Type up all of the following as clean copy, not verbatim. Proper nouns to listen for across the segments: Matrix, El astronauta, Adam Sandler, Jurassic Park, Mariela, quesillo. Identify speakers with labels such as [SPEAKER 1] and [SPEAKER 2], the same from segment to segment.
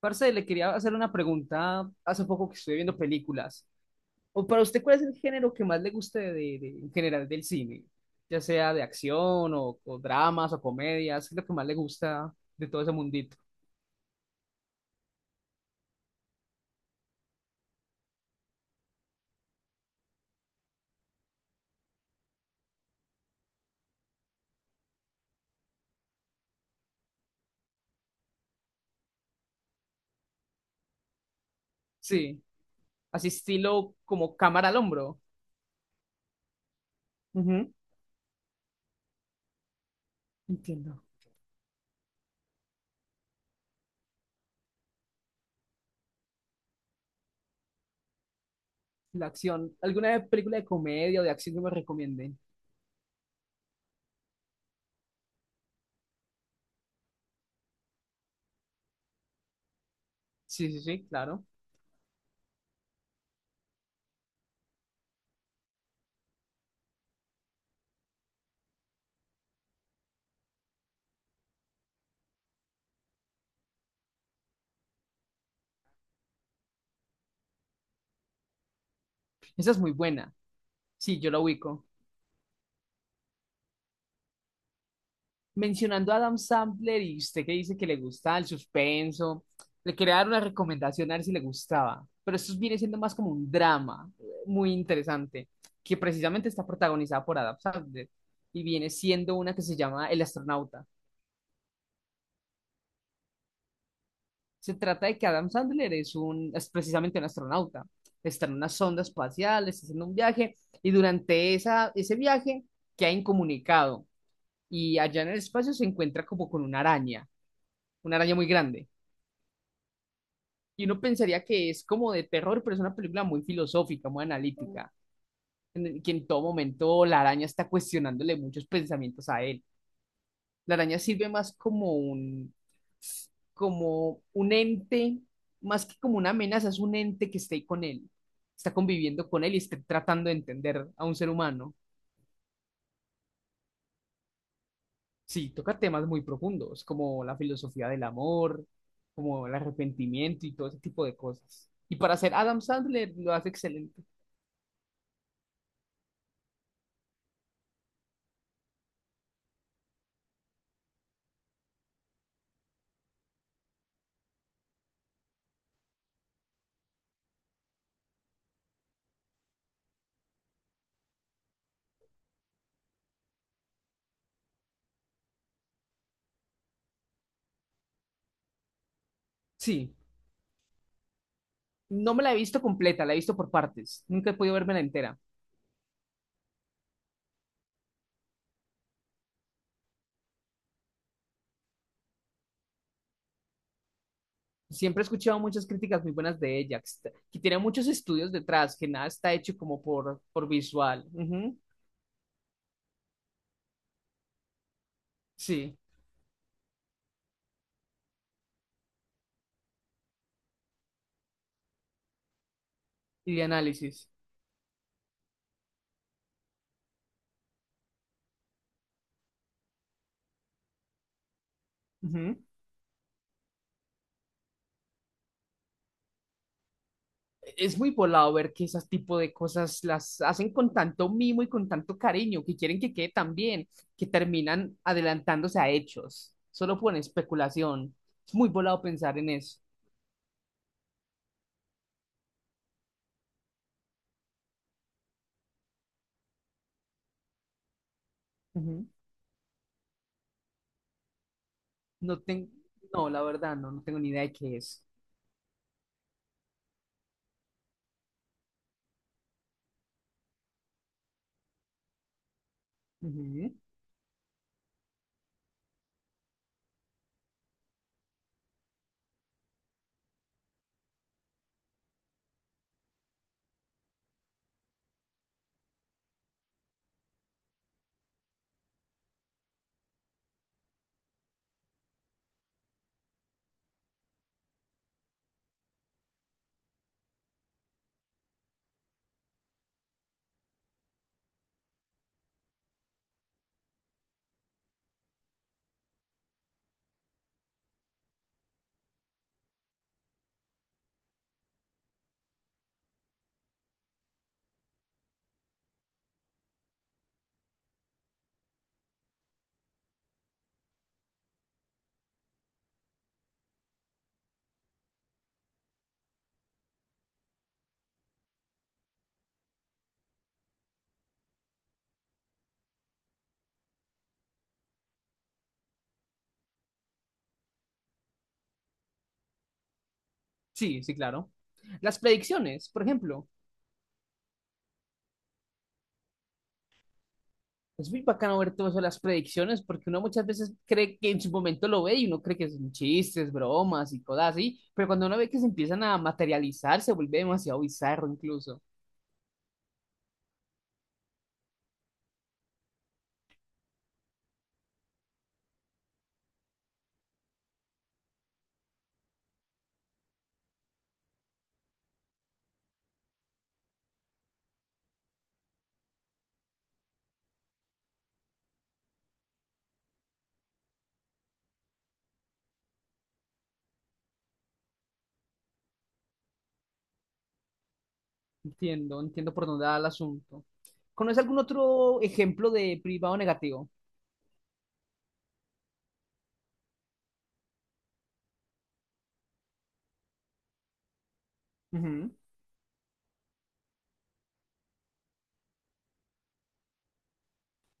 [SPEAKER 1] Parce, le quería hacer una pregunta hace poco que estuve viendo películas. ¿O para usted cuál es el género que más le guste de, en general del cine? Ya sea de acción o dramas o comedias, ¿qué es lo que más le gusta de todo ese mundito? Sí, así estilo como cámara al hombro. Ujú. Entiendo. La acción. ¿Alguna película de comedia o de acción que me recomienden? Sí, sí, sí, claro. Esa es muy buena. Sí, yo la ubico. Mencionando a Adam Sandler y usted que dice que le gusta el suspenso, le quería dar una recomendación a ver si le gustaba, pero esto viene siendo más como un drama muy interesante, que precisamente está protagonizada por Adam Sandler y viene siendo una que se llama El astronauta. Se trata de que Adam Sandler es precisamente un astronauta, está en una sonda espacial, está haciendo un viaje y durante ese viaje queda incomunicado y allá en el espacio se encuentra como con una araña muy grande y uno pensaría que es como de terror, pero es una película muy filosófica, muy analítica, en el que en todo momento la araña está cuestionándole muchos pensamientos a él. La araña sirve más como como un ente, más que como una amenaza, es un ente que está ahí con él, está conviviendo con él y está tratando de entender a un ser humano. Sí, toca temas muy profundos, como la filosofía del amor, como el arrepentimiento y todo ese tipo de cosas. Y para ser Adam Sandler lo hace excelente. Sí, no me la he visto completa, la he visto por partes. Nunca he podido verme la entera. Siempre he escuchado muchas críticas muy buenas de ella, que, que tiene muchos estudios detrás, que nada está hecho como por visual. Ujú. Sí, y de análisis. Ujú. Es muy volado ver que ese tipo de cosas las hacen con tanto mimo y con tanto cariño, que quieren que quede tan bien, que terminan adelantándose a hechos, solo por especulación. Es muy volado pensar en eso. Ujú. No tengo, no, la verdad, no, no tengo ni idea de qué es. Ujú. Sí, sí, claro. Las predicciones, por ejemplo. Es muy bacano ver todo eso, de las predicciones, porque uno muchas veces cree que en su momento lo ve y uno cree que son chistes, bromas y cosas así, pero cuando uno ve que se empiezan a materializar, se vuelve demasiado bizarro incluso. Entiendo, entiendo por dónde va el asunto. ¿Conoce algún otro ejemplo de privado negativo? Ujú.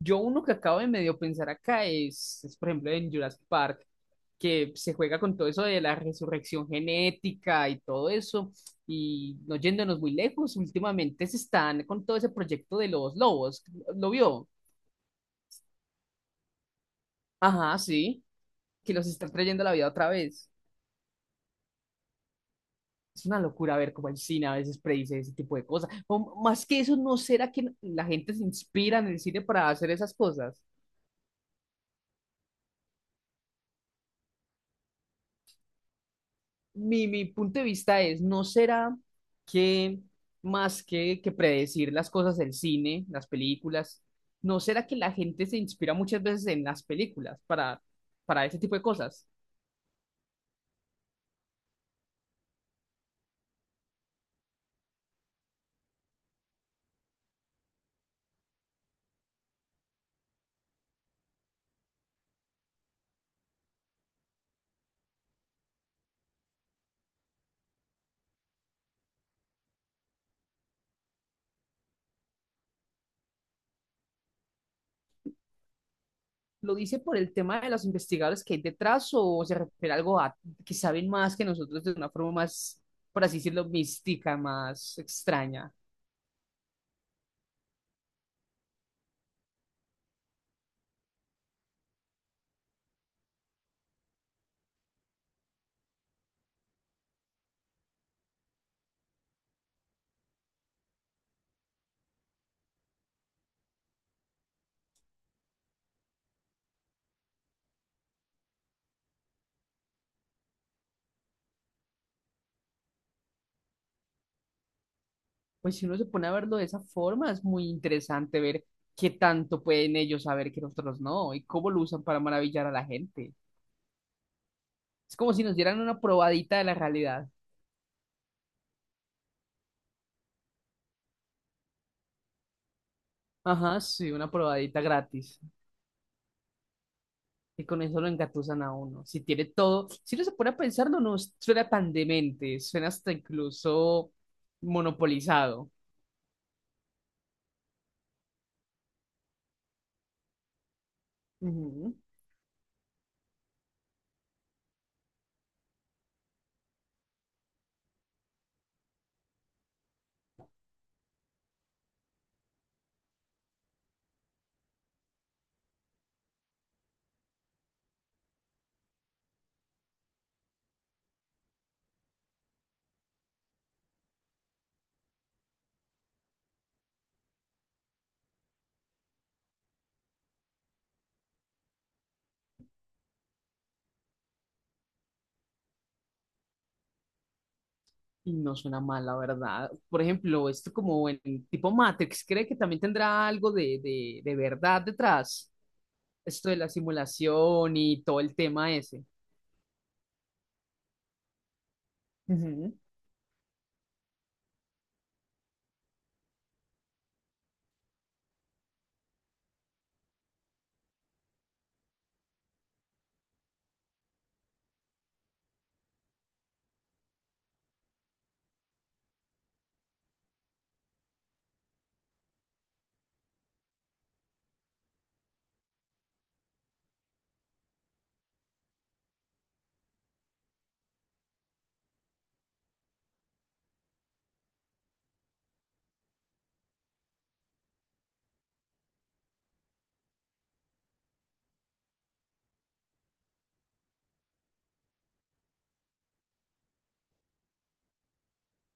[SPEAKER 1] Yo uno que acabo de medio pensar acá por ejemplo, en Jurassic Park, que se juega con todo eso de la resurrección genética y todo eso, y no yéndonos muy lejos, últimamente se están con todo ese proyecto de los lobos. ¿Lo vio? Ajá, sí, que los están trayendo a la vida otra vez. Es una locura ver cómo el cine a veces predice ese tipo de cosas. O, más que eso, ¿no será que la gente se inspira en el cine para hacer esas cosas? Mi punto de vista es, ¿no será que más que predecir las cosas del cine, las películas, no será que la gente se inspira muchas veces en las películas para ese tipo de cosas? ¿Lo dice por el tema de los investigadores que hay detrás o se refiere a algo a que saben más que nosotros de una forma más, por así decirlo, mística, más extraña? Pues si uno se pone a verlo de esa forma, es muy interesante ver qué tanto pueden ellos saber que nosotros no y cómo lo usan para maravillar a la gente. Es como si nos dieran una probadita de la realidad. Ajá, sí, una probadita gratis. Y con eso lo engatusan a uno. Si tiene todo, si uno se pone a pensarlo, no suena tan demente, suena hasta incluso monopolizado. Ujú. Y no suena mal, la verdad. Por ejemplo, esto como en tipo Matrix, ¿cree que también tendrá algo de verdad detrás? Esto de la simulación y todo el tema ese. Ujú,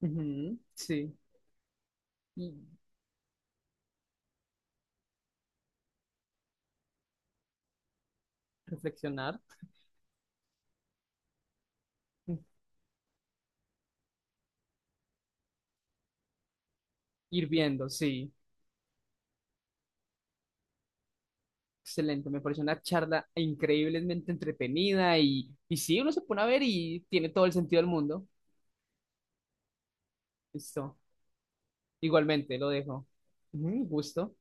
[SPEAKER 1] ujú, sí. Y reflexionar. Ir viendo, sí. Excelente, me pareció una charla increíblemente entretenida y sí, uno se pone a ver y tiene todo el sentido del mundo. Listo, igualmente lo dejo. Ujú, gusto.